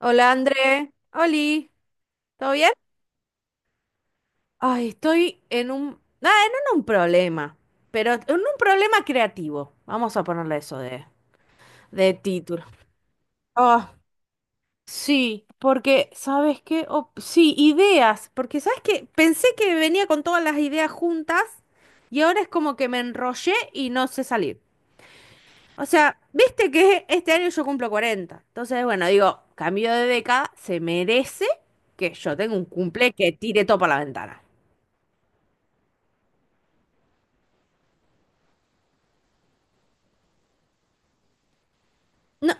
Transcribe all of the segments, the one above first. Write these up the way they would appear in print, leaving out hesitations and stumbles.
Hola André, Oli, ¿todo bien? Ay, estoy en un, ah, no en un problema, pero en un problema creativo. Vamos a ponerle eso de título. Oh, sí, porque, ¿sabes qué? Oh, sí, ideas, porque, ¿sabes qué? Pensé que venía con todas las ideas juntas y ahora es como que me enrollé y no sé salir. O sea, viste que este año yo cumplo 40, entonces, bueno, digo, cambio de década, se merece que yo tenga un cumple que tire todo para la ventana. No,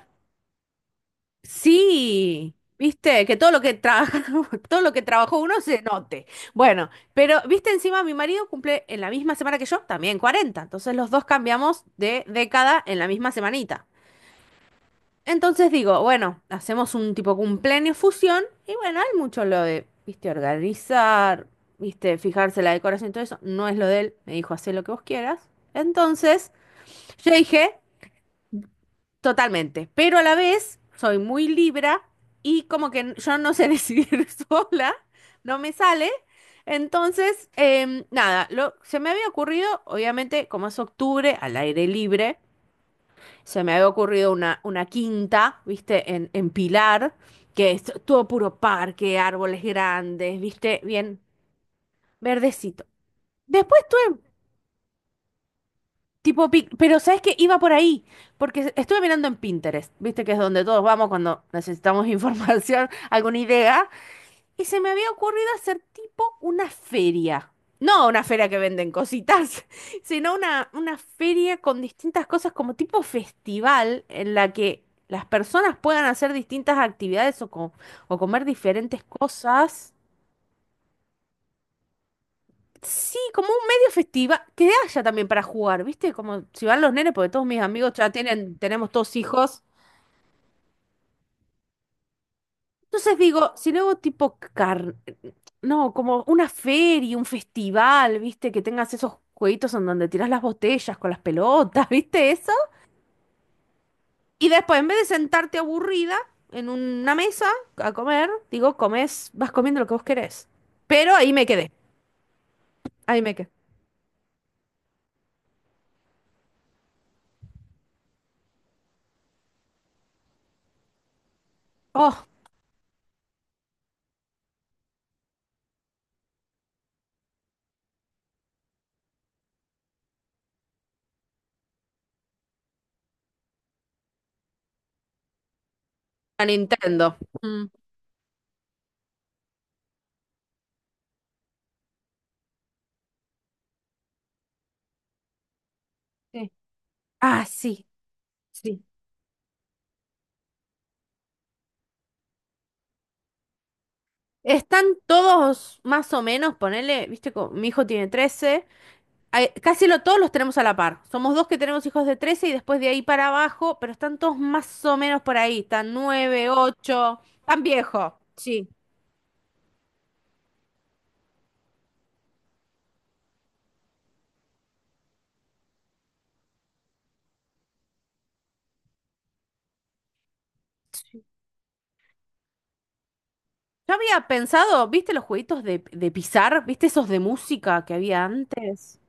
sí, viste, que todo lo que trabaja, todo lo que trabajó uno se note. Bueno, pero viste, encima mi marido cumple en la misma semana que yo, también 40. Entonces los dos cambiamos de década en la misma semanita. Entonces digo, bueno, hacemos un tipo cumpleaños fusión y bueno, hay mucho lo de, viste, organizar, viste, fijarse la decoración y todo eso. No es lo de él, me dijo, hacé lo que vos quieras. Entonces, yo dije, totalmente, pero a la vez soy muy Libra y como que yo no sé decidir sola, no me sale. Entonces, nada, se me había ocurrido, obviamente, como es octubre, al aire libre, se me había ocurrido una, quinta, viste, en Pilar, que es todo puro parque, árboles grandes, viste, bien verdecito. Después tuve Tipo, pic- Pero ¿sabes qué? Iba por ahí, porque estuve mirando en Pinterest, viste que es donde todos vamos cuando necesitamos información, alguna idea, y se me había ocurrido hacer tipo una feria. No una feria que venden cositas, sino una feria con distintas cosas como tipo festival en la que las personas puedan hacer distintas actividades o comer diferentes cosas. Sí, como un medio festiva que haya también para jugar, ¿viste? Como si van los nenes, porque todos mis amigos ya tienen, tenemos todos hijos. Entonces digo, si luego tipo no, como una feria, un festival, ¿viste? Que tengas esos jueguitos en donde tirás las botellas con las pelotas, ¿viste eso? Y después, en vez de sentarte aburrida en una mesa a comer, digo, comes, vas comiendo lo que vos querés. Pero ahí me quedé. Oh, la Nintendo. Mm. Sí. Ah, sí, sí. Están todos más o menos, ponele, viste, mi hijo tiene 13, ay, casi lo, todos los tenemos a la par. Somos dos que tenemos hijos de 13 y después de ahí para abajo, pero están todos más o menos por ahí, están 9, 8, tan viejo. Sí. Sí. Yo había pensado, viste los jueguitos de pisar, viste esos de música que había antes,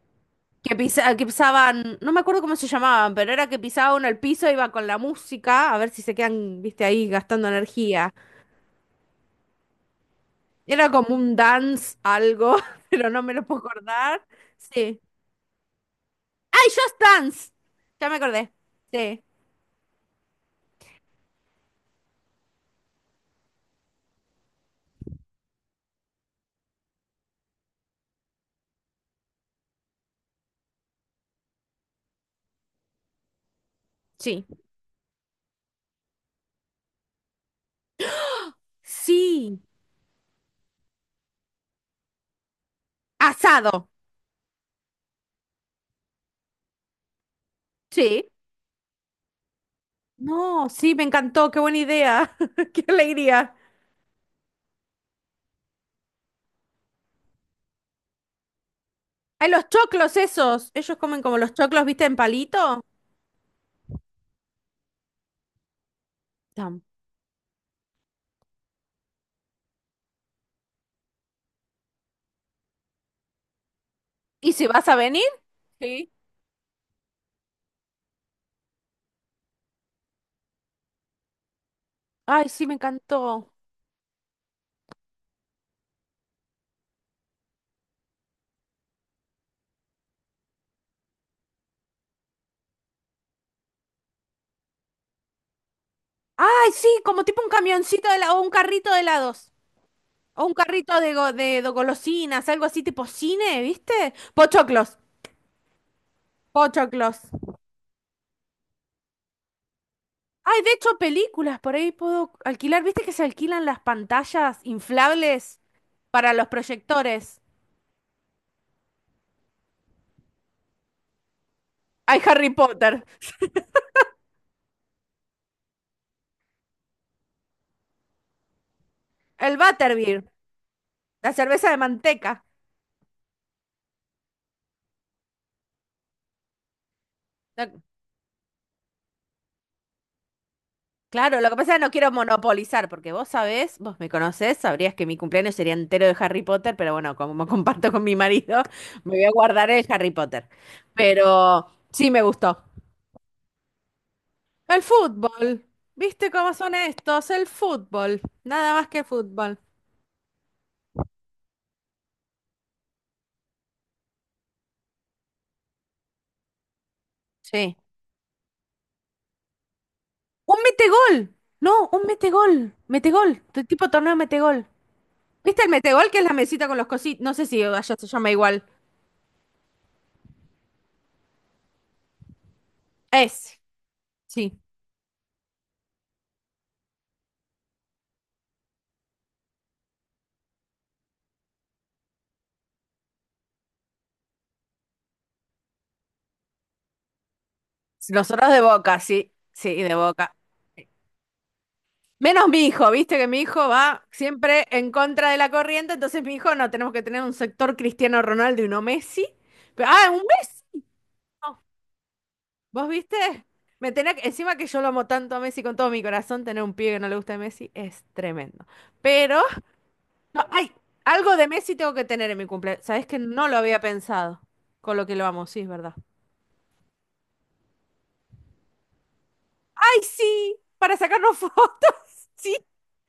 que pisaban, no me acuerdo cómo se llamaban, pero era que pisaba uno el piso, iba con la música, a ver si se quedan, viste, ahí gastando energía. Era como un dance algo, pero no me lo puedo acordar. Sí. ¡Ay, Just Dance! Ya me acordé. Sí, sí. Sí. Asado. Sí. No, sí, me encantó. Qué buena idea. Qué alegría. Hay los choclos esos. Ellos comen como los choclos, ¿viste? En palito. Tam. ¿Y si vas a venir? Sí. Ay, sí, me encantó. Ay, sí, como tipo un camioncito de la- o un carrito de helados. O un carrito de, go- de golosinas, algo así tipo cine, ¿viste? Pochoclos. Pochoclos. Ay, de hecho, películas, por ahí puedo alquilar. ¿Viste que se alquilan las pantallas inflables para los proyectores? Hay Harry Potter, el Butterbeer, la cerveza de manteca. La- claro, lo que pasa es que no quiero monopolizar, porque vos sabés, vos me conocés, sabrías que mi cumpleaños sería entero de Harry Potter, pero bueno, como me comparto con mi marido, me voy a guardar el Harry Potter. Pero sí me gustó. El fútbol. ¿Viste cómo son estos? El fútbol. Nada más que fútbol. Sí. Un metegol. No, un metegol. Metegol. Tipo torneo metegol. ¿Viste el metegol que es la mesita con los cositos? No sé si allá se llama igual. Es. Sí. Nosotros de Boca, sí. Sí, de Boca. Menos mi hijo, viste que mi hijo va siempre en contra de la corriente, entonces mi hijo no, tenemos que tener un sector Cristiano Ronaldo y uno Messi. Ah, un Messi. No, ¿vos viste? Me tenía que- encima que yo lo amo tanto a Messi con todo mi corazón, tener un pibe que no le gusta a Messi es tremendo. Pero no, ay, algo de Messi tengo que tener en mi cumpleaños. Sabes que no lo había pensado con lo que lo amo, sí, es verdad. ¡Ay, sí! Para sacarnos fotos. Sí,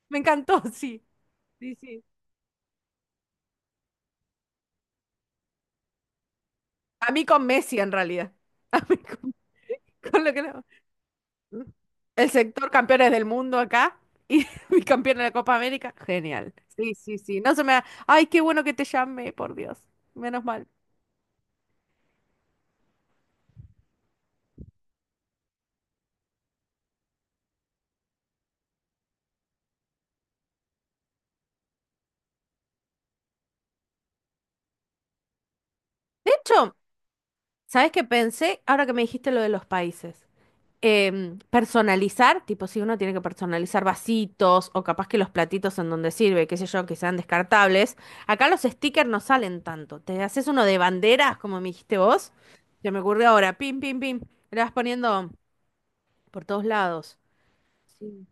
me encantó, sí. Sí, sí. A mí con Messi en realidad. A mí con lo que lo amo. El sector campeones del mundo acá y mi campeón de la Copa América. Genial. Sí, sí, sí. No se me da- ay, qué bueno que te llamé, por Dios. Menos mal. De hecho, ¿sabes qué pensé ahora que me dijiste lo de los países? Personalizar, tipo si uno tiene que personalizar vasitos o capaz que los platitos en donde sirve, qué sé yo, que sean descartables. Acá los stickers no salen tanto. Te haces uno de banderas, como me dijiste vos. Se me ocurrió ahora, pim, pim, pim. Le vas poniendo por todos lados. Sí.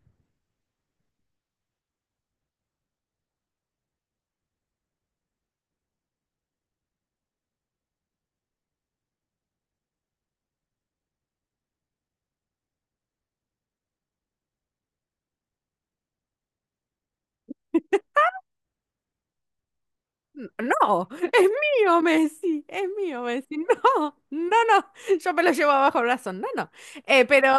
No, es mío, Messi, es mío, Messi. No, no, no, yo me lo llevo abajo el brazo. No, no. Pero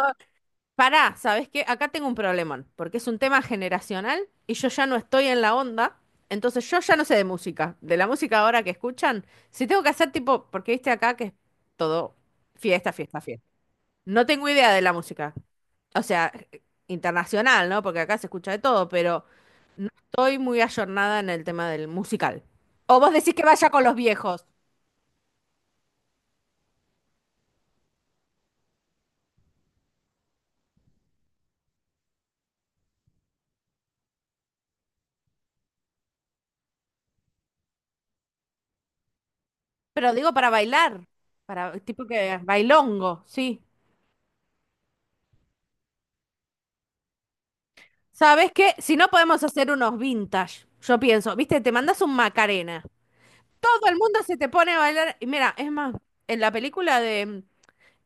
pará, ¿sabes qué? Acá tengo un problemón, porque es un tema generacional y yo ya no estoy en la onda, entonces yo ya no sé de música, de la música ahora que escuchan. Si tengo que hacer tipo, porque viste acá que es todo fiesta, fiesta, fiesta. No tengo idea de la música, o sea, internacional, ¿no? Porque acá se escucha de todo, pero no estoy muy ayornada en el tema del musical. O vos decís que vaya con los viejos, pero digo para bailar, para tipo que bailongo, sí. ¿Sabes qué? Si no podemos hacer unos vintage, yo pienso, viste, te mandas un Macarena. Todo el mundo se te pone a bailar. Y mira, es más, en la película de.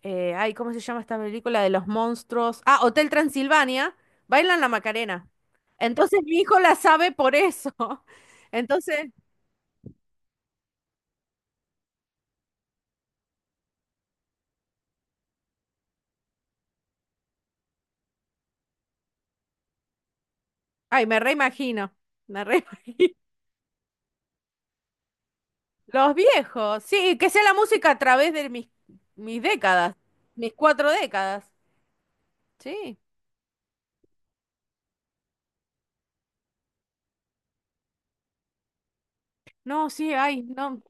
eh, ay, ¿cómo se llama esta película de los monstruos? Ah, Hotel Transilvania, bailan la Macarena. Entonces mi hijo la sabe por eso. Entonces, ay, me reimagino. Me reimagino. Los viejos, sí, que sea la música a través de mis décadas, mis 4 décadas. Sí. No, sí, ay, no.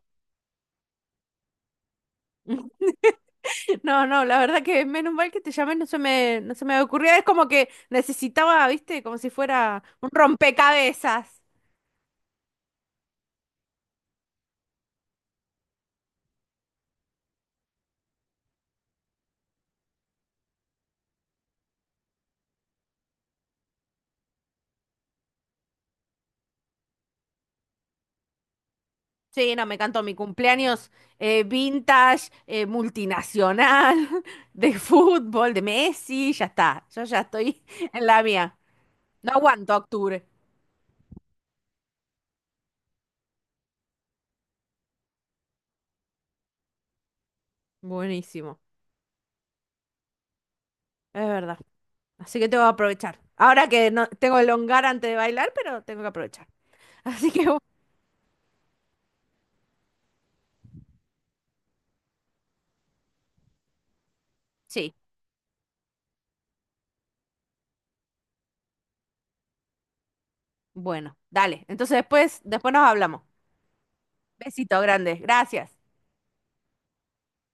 No, no, la verdad que menos mal que te llamé, no se me ocurría. Es como que necesitaba, viste, como si fuera un rompecabezas. Sí, no, me encantó mi cumpleaños vintage, multinacional, de fútbol, de Messi, ya está. Yo ya estoy en la mía. No aguanto octubre. Buenísimo, es verdad. Así que tengo que aprovechar. Ahora que no tengo el hongar antes de bailar, pero tengo que aprovechar. Así que, sí, bueno, dale. Entonces después, nos hablamos. Besito grande. Gracias.